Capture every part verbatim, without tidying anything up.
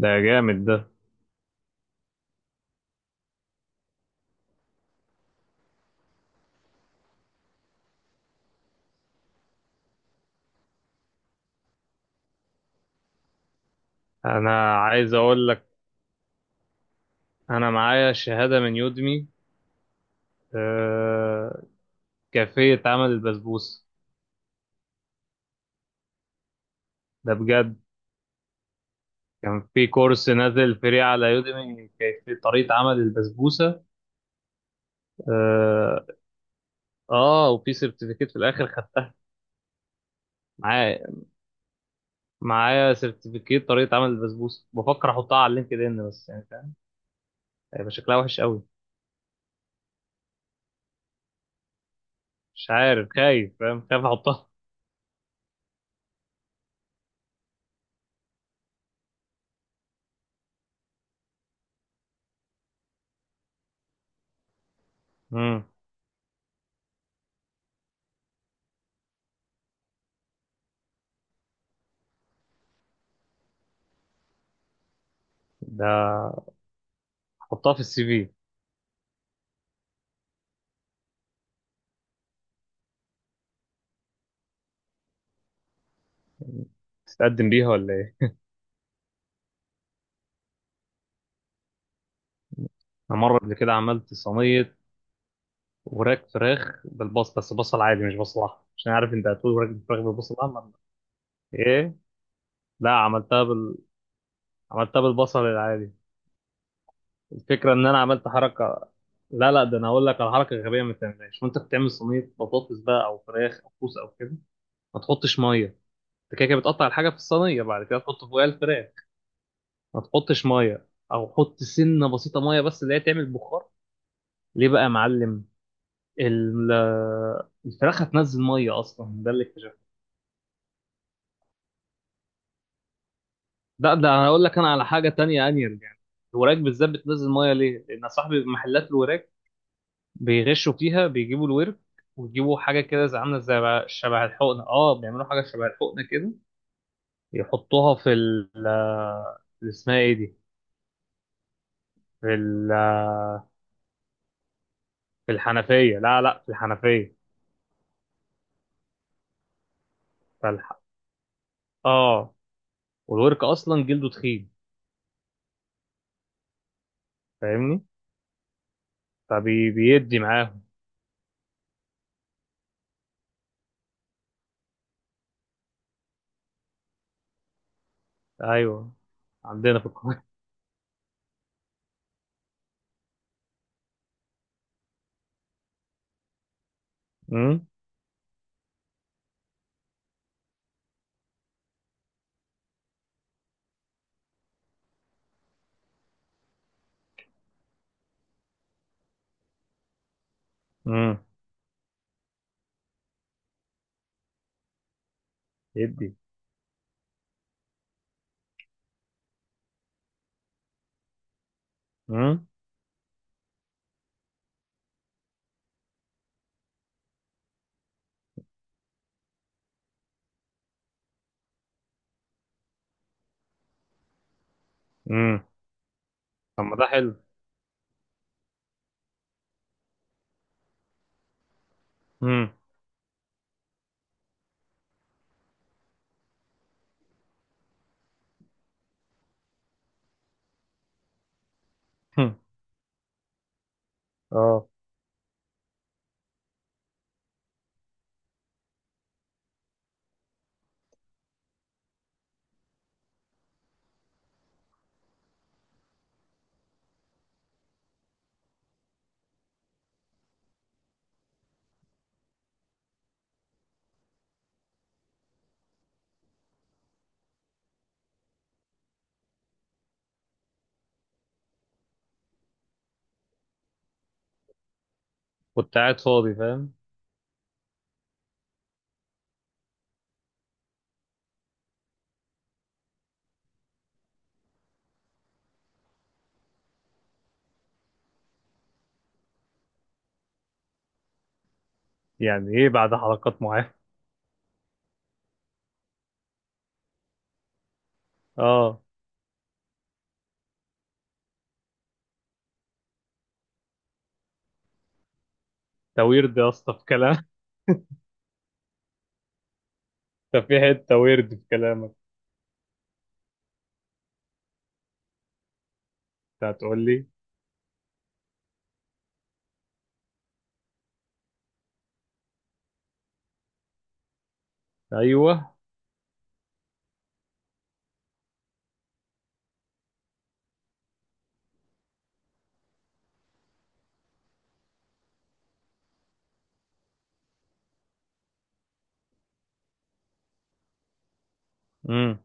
ده جامد ده. انا عايز اقول لك، انا معايا شهادة من يودمي. آه، كيفية عمل البسبوسة. ده بجد. كان في كورس نازل فري على يودمي كيفية طريقة عمل البسبوسة. اه. آه، وفي سيرتيفيكيت في الاخر خدت معايا معايا سيرتيفيكيت طريقة عمل البسبوسة، بفكر احطها على اللينكد ان، بس يعني فاهم، هيبقى شكلها وحش قوي. مش عارف، خايف، فاهم، خايف احطها. امم. ده احطها في السي في، تتقدم بيها ولا ايه؟ انا مره قبل كده عملت صينيه وراك فراخ بالبصل، بس بصل عادي مش بصل احمر، عشان عارف انت هتقول وراك فراخ بالبصل الاحمر. ايه. لا، عملتها بال... عملتها بالبصل العادي. الفكره ان انا عملت حركه. لا لا، ده انا هقول لك على حركه غبيه ما تعملهاش وانت بتعمل صينيه بطاطس بقى او فراخ او كوسه او كده. ما تحطش ميه. انت كده كده بتقطع الحاجه في الصينيه، بعد كده تحط فوقها الفراخ. ما تحطش ميه، او حط سنه بسيطه ميه بس، اللي هي تعمل بخار. ليه بقى يا معلم؟ ال- الفراخ هتنزل ميه اصلا، ده اللي اكتشفته. لا، ده انا هقول لك انا على حاجه تانية انير يعني. الوراك بالذات بتنزل ميه ليه؟ لان صاحبي محلات الوراك بيغشوا فيها، بيجيبوا الورك ويجيبوا حاجه كده زي عامله زي شبه الحقنه. اه، بيعملوا حاجه شبه الحقنه كده، يحطوها في ال، اللي اسمها ايه دي؟ في ال- في الحنفيه. لا لا، في الحنفيه. فالح... اه. والورك اصلا جلده تخين، فاهمني؟ فبيدي معاهم. ايوه، عندنا في القاهره. امم. امم. يدي. امم. امم. طب ما ده حلو. امم. اه. كنت قاعد فاضي فاهم. يعني ايه بعد حلقات معينة؟ اه. ده ويرد يا اسطى في كلام ده في حتة ويرد في كلامك. انت هتقول لي. ايوه. امم.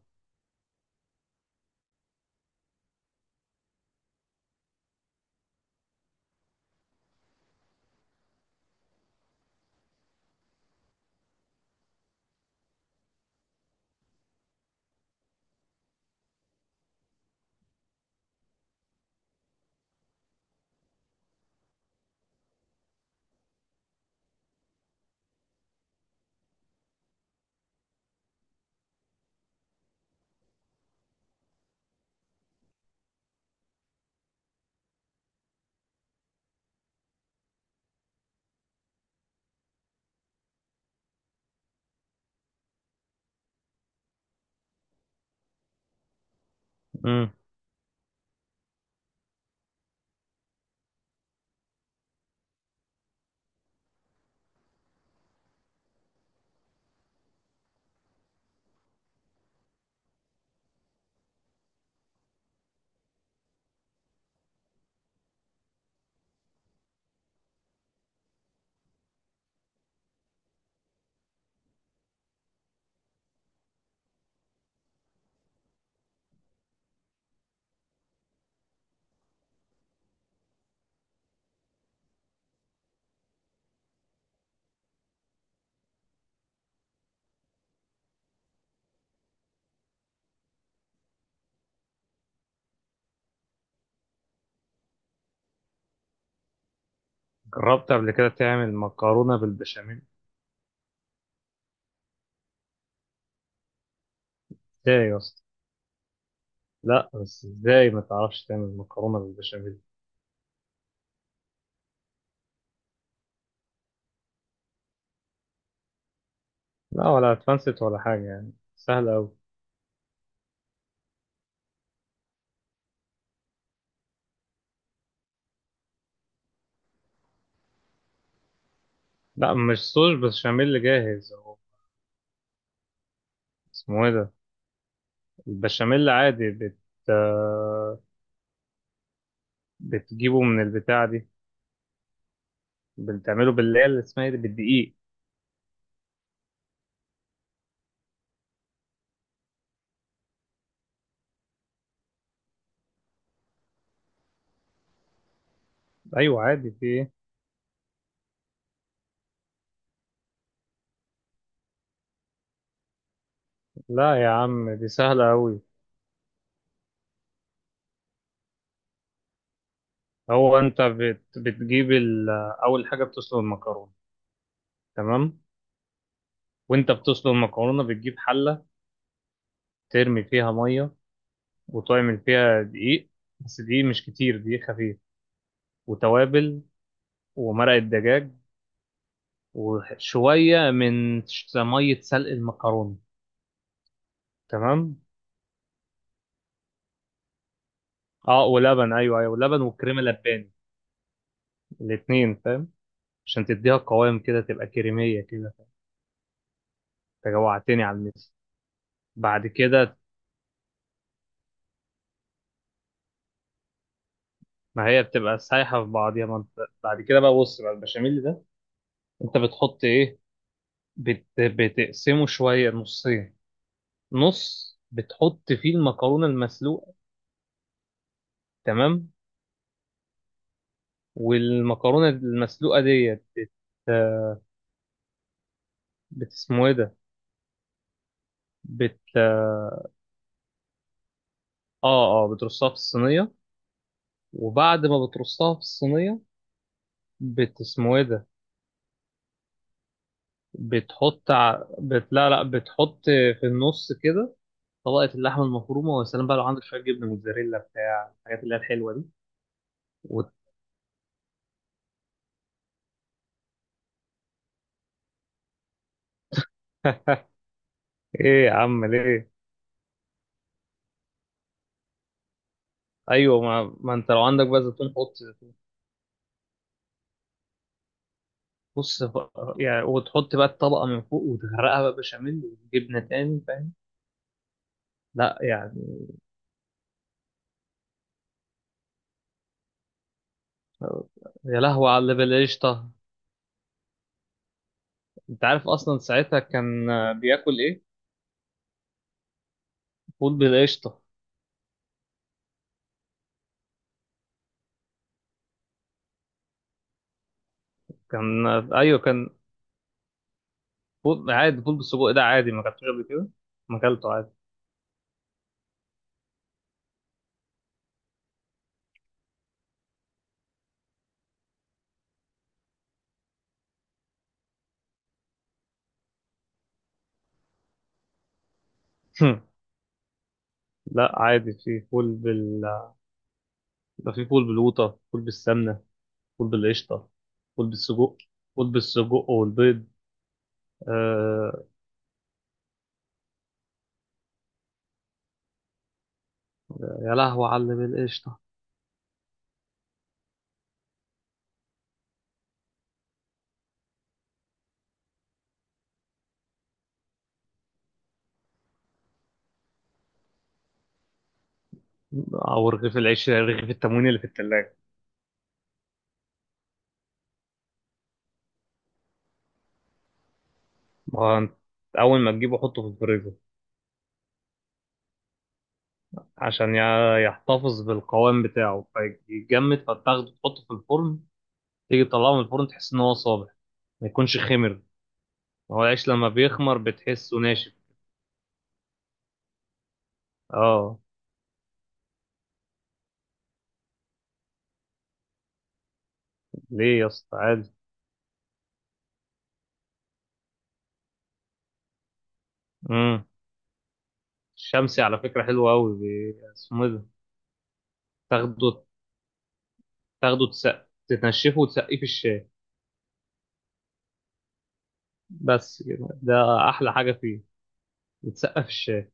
امم. جربت قبل كده تعمل مكرونة بالبشاميل؟ ازاي يا اسطى. لا بس ازاي ما تعرفش تعمل مكرونة بالبشاميل؟ لا ولا اتفنست ولا حاجة، يعني سهلة أوي. لا مش صوص بشاميل جاهز هو. اسمه ايه ده؟ البشاميل عادي بت آه، بتجيبه من البتاع دي. بتعمله باللي هي اللي اسمها ايه دي؟ بالدقيق. ايوه عادي، في ايه. لا يا عم، دي سهله قوي. هو انت بت... بتجيب ال... اول حاجه بتسلق المكرونه، تمام؟ وانت بتسلق المكرونه، بتجيب حله، ترمي فيها ميه، وتعمل فيها دقيق، بس دقيق مش كتير، دقيق خفيف. وتوابل، ومرقه دجاج، وشويه من ش- ميه سلق المكرونه. تمام. اه ولبن، ايوه ايوه ولبن وكريمه لباني، الاتنين فاهم. عشان تديها قوام كده، تبقى كريميه كده. انت جوعتني على الميس. بعد كده، ما هي بتبقى سايحه في بعضيها، ما انت بعد كده بقى بص بقى البشاميل ده، انت بتحط ايه؟ بت... بتقسمه شويه نصين. نص بتحط فيه المكرونه المسلوقه. تمام. والمكرونه المسلوقه ديت بت... بت... اسمه ايه ده؟ بت... اه. اه بترصها في الصينية. وبعد ما بترصها في الصينية، بت اسمه ايه ده؟ بتحط ع... بت... لا لا، بتحط في النص كده طبقة اللحمة المفرومة. وسلام بقى لو عندك شوية جبنة موتزاريلا بتاع الحاجات اللي هي الحلوة دي و... ايه يا عم ليه؟ ايوه، ما, ما انت لو عندك بقى زيتون حط. بص بقى- يعني وتحط بقى الطبقة من فوق، وتغرقها بقى بشاميل وجبنة تاني، فاهم؟ لا يعني. يا لهوي على اللي بالقشطة. انت عارف اصلا ساعتها كان آه، بياكل ايه؟ فول بالقشطة. كان آه، ايوه كان. فول عادي، فول بالسجق ده عادي ما اكلتوش قبل كده؟ ما اكلته عادي. لا عادي، في فول بال، يبقى في فول بالقوطة، فول بالسمنة، فول بالقشطة، فول بالسجق، فول بالسجق والبيض. آه. يا لهوي على اللي بالقشطة. أو رغيف العيش، رغيف التموين اللي في التلاجة. ما هو أنت أول ما تجيبه حطه في الفريزر، عشان يع- يحتفظ بالقوام بتاعه. فيتجمد، فتاخده تحطه في الفرن، تيجي تطلعه من الفرن تحس إن هو صابح، ما يكونش خمر. هو العيش لما بيخمر بتحسه ناشف. اه. ليه يا اسطى، عادي. امم. الشمسي على فكرة حلو أوي بي- اسمه إيه ده؟ تاخده، تاخده تسقف، تنشفه وتسقيه في الشاي. بس كده، ده احلى حاجه فيه. يتسقف الشاي.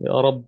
يا رب.